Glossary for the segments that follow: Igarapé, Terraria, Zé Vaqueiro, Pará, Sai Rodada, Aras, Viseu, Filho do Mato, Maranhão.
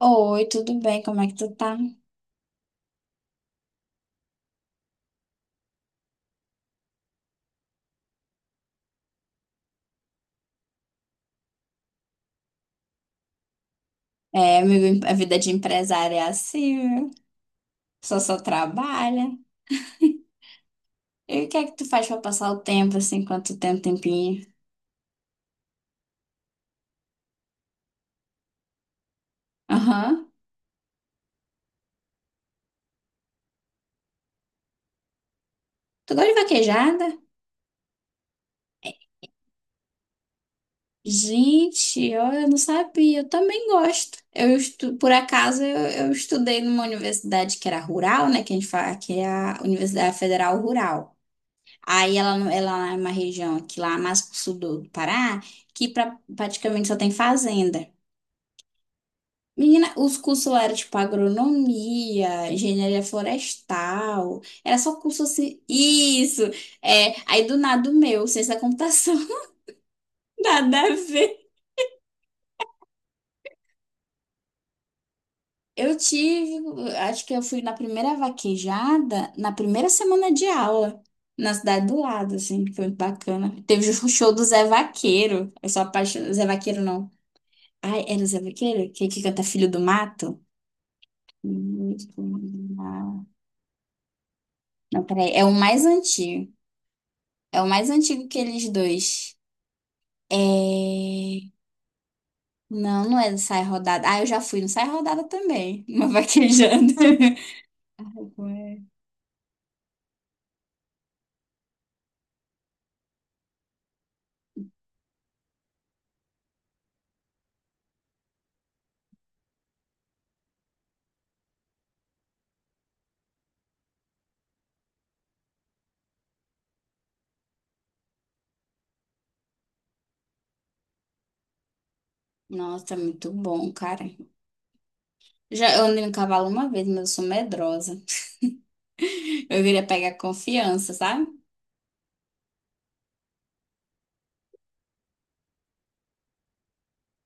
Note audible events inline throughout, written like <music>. Oi, tudo bem? Como é que tu tá? É, amigo, a vida de empresária é assim, viu? Só trabalha. E o que é que tu faz pra passar o tempo, assim, enquanto tu tem um tempinho? Aham. Tu gosta de vaquejada? Gente, eu não sabia. Eu também gosto. Por acaso, eu estudei numa universidade que era rural, né? Que a gente fala que é a Universidade Federal Rural. Aí ela, não- ela é uma região aqui lá mais pro sul do Pará, que praticamente só tem fazenda. Menina, os cursos lá eram tipo agronomia, engenharia florestal, era só curso assim. Isso! É, aí do nada o meu, ciência da computação, <laughs> nada a ver. Eu tive, acho que eu fui na primeira vaquejada, na primeira semana de aula, na cidade do lado, assim, foi muito bacana. Teve o show do Zé Vaqueiro, eu sou apaixonada, Zé Vaqueiro não. Ai, era o Zé Vaqueiro? Que canta Filho do Mato? Filho do Mato. Não, peraí, é o mais antigo. É o mais antigo que eles dois. É... Não, não é do Sai Rodada. Ah, eu já fui no Sai Rodada também. Uma vaquejando. <laughs> Como é? Nossa, muito bom, cara. Já, eu andei no cavalo uma vez, mas eu sou medrosa. Eu queria pegar confiança, sabe?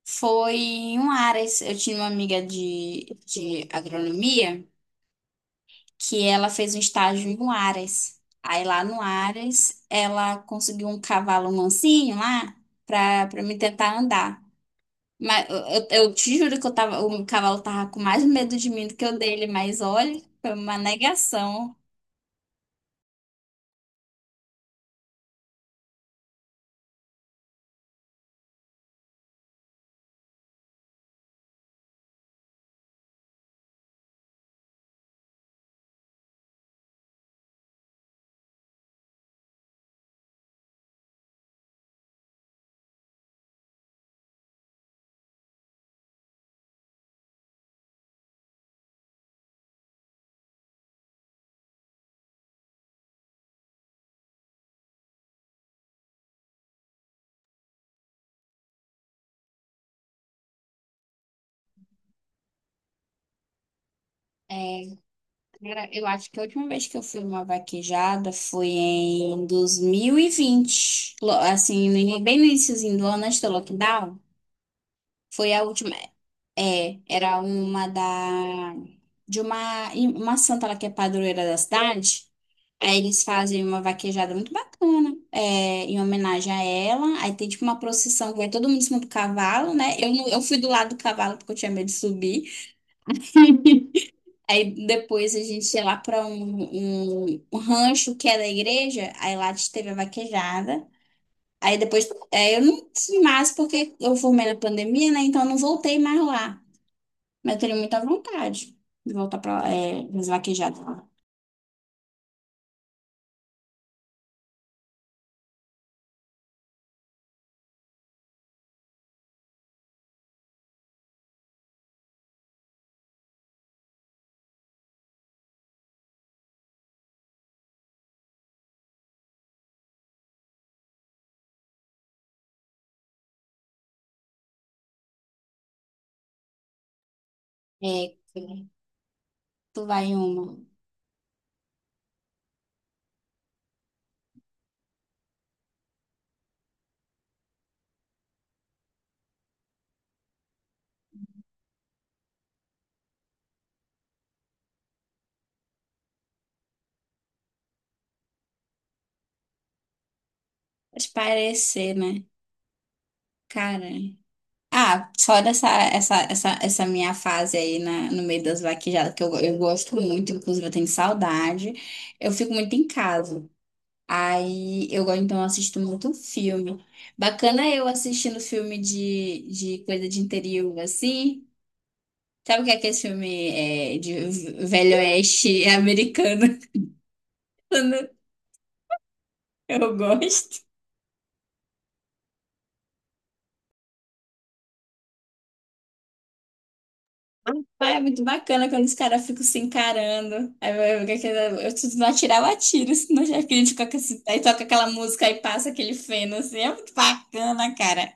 Foi em um Aras. Eu tinha uma amiga de agronomia que ela fez um estágio em um Aras. Aí lá no Aras, ela conseguiu um cavalo mansinho lá pra me tentar andar. Mas eu te juro que eu tava, o cavalo tava com mais medo de mim do que eu dele, mas olha, foi uma negação. É, cara, eu acho que a última vez que eu fui numa vaquejada foi em 2020, assim, bem no iniciozinho do ano, antes do lockdown. Foi a última. É, era uma da de uma santa lá que é padroeira da cidade. Aí eles fazem uma vaquejada muito bacana, é, em homenagem a ela. Aí tem tipo uma procissão que vai todo mundo em cima do cavalo, né? Eu, não- eu fui do lado do cavalo porque eu tinha medo de subir. <laughs> Aí depois a gente ia lá para um rancho que é da igreja, aí lá a gente teve a vaquejada. Aí depois, é, eu não fui mais porque eu formei na pandemia, né? Então eu não voltei mais lá. Mas eu teria muita vontade de voltar pra é, nas vaquejadas lá. É, tu vai em uma. Mas parecer, né? Cara. Ah, fora essa minha fase aí na, no meio das vaquejadas, que eu gosto muito, inclusive eu tenho saudade. Eu fico muito em casa. Aí eu gosto, então, eu assisto muito filme. Bacana eu assistindo filme de coisa de interior, assim. Sabe o que é aquele filme é, de velho oeste americano? <laughs> Eu gosto. Ai, é muito bacana quando os caras ficam se encarando. Aí se não atirar, eu atiro, senão já crítico. Aí toca aquela música e passa aquele feno, assim. É muito bacana, cara.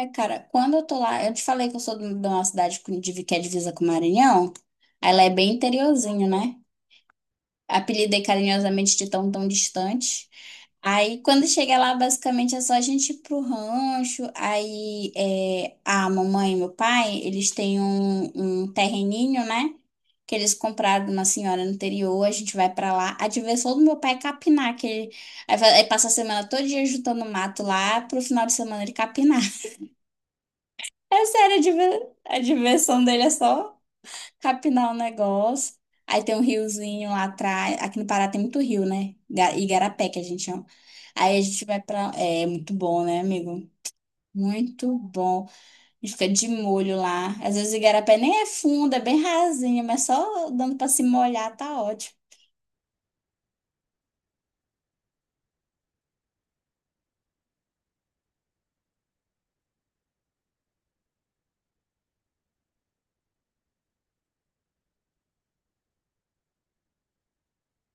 É, cara, quando eu tô lá, eu te falei que eu sou de uma cidade que é divisa com o Maranhão. Ela é bem interiorzinho, né? Apelidei carinhosamente de tão tão distante. Aí, quando chega lá, basicamente é só a gente ir pro rancho. Aí, é, a mamãe e meu pai, eles têm um terreninho, né? Que eles compraram de uma senhora no interior. A gente vai pra lá. A diversão do meu pai é capinar, que ele, aí, passa a semana todo dia juntando mato lá, pro final de semana ele capinar. <laughs> É sério, a a diversão dele é só capinar um negócio. Aí tem um riozinho lá atrás. Aqui no Pará tem muito rio, né? Igarapé, que a gente chama. Aí a gente vai pra. É muito bom, né, amigo? Muito bom. A gente fica de molho lá. Às vezes o Igarapé nem é fundo, é bem rasinho, mas só dando pra se molhar tá ótimo.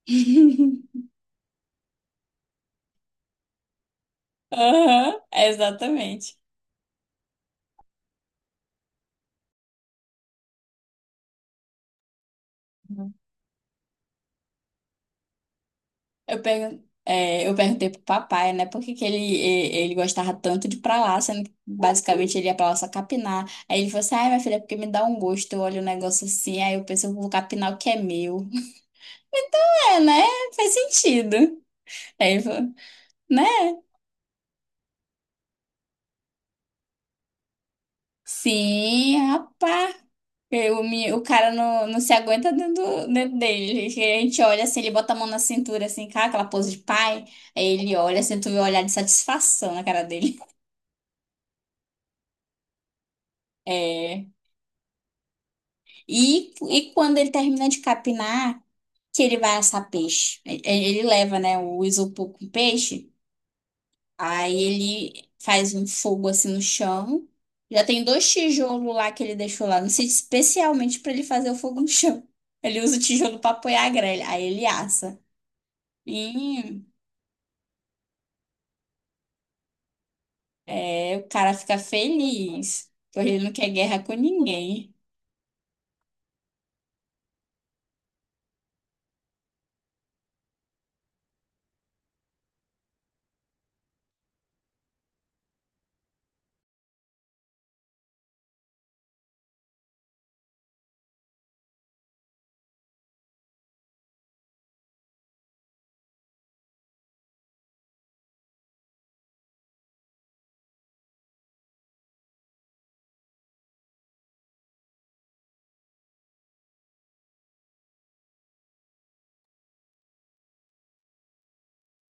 <laughs> Aham, exatamente. Eu, pergun é, eu perguntei pro papai, né, por que que ele gostava tanto de ir pra lá, sendo que basicamente ele ia pra lá só capinar. Aí ele falou assim, ai, minha filha, é porque me dá um gosto, eu olho o negócio assim, aí eu penso, eu vou capinar o que é meu. É, né? Faz sentido. Aí ele falou, né? Sim, rapaz. O cara não se aguenta dentro, dentro dele. Que a gente olha assim, ele bota a mão na cintura, assim, cara, aquela pose de pai. Aí ele olha, assim, tu vê o olhar de satisfação na cara dele. É. E quando ele termina de capinar, que ele vai assar peixe. Ele leva, né, o isopor com peixe, aí ele faz um fogo assim no chão. Já tem dois tijolos lá que ele deixou lá, não sei, especialmente para ele fazer o fogo no chão. <laughs> Ele usa o tijolo para apoiar a grelha, aí ele assa. E é, o cara fica feliz, porque ele não quer guerra com ninguém.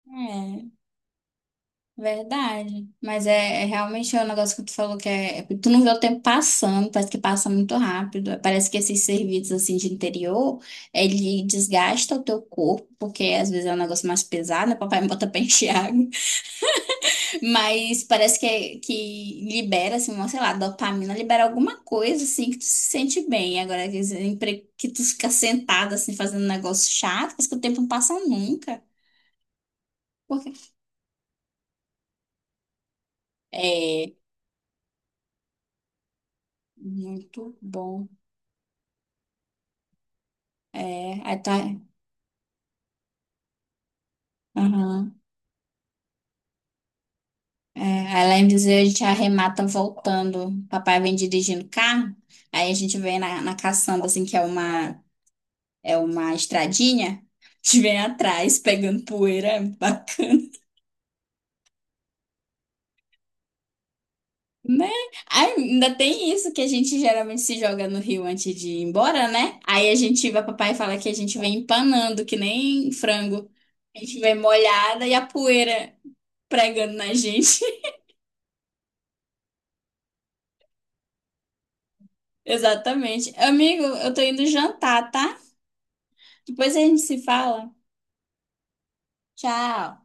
É. Verdade. Mas é, realmente o negócio que tu falou que é, tu não vê o tempo passando, parece que passa muito rápido. Parece que esses serviços assim de interior, ele desgasta o teu corpo, porque às vezes é um negócio mais pesado, né? Papai me bota pra <laughs> encher água, mas parece que, que libera assim, uma, sei lá, dopamina, libera alguma coisa assim que tu se sente bem. Agora quer dizer, que tu fica sentado assim fazendo um negócio chato, parece que o tempo não passa nunca. Porque é muito bom. É, aí tá. Aham. É, aí lá em Viseu a gente arremata voltando. Papai vem dirigindo o carro, aí a gente vem na caçamba, assim, que é uma estradinha. A gente vem atrás pegando poeira, é bacana, né? Aí ainda tem isso que a gente geralmente se joga no rio antes de ir embora, né? Aí a gente vai, papai fala que a gente vem empanando, que nem frango. A gente vem molhada e a poeira pregando na gente. <laughs> Exatamente. Amigo, eu tô indo jantar, tá? Depois a gente se fala. Tchau.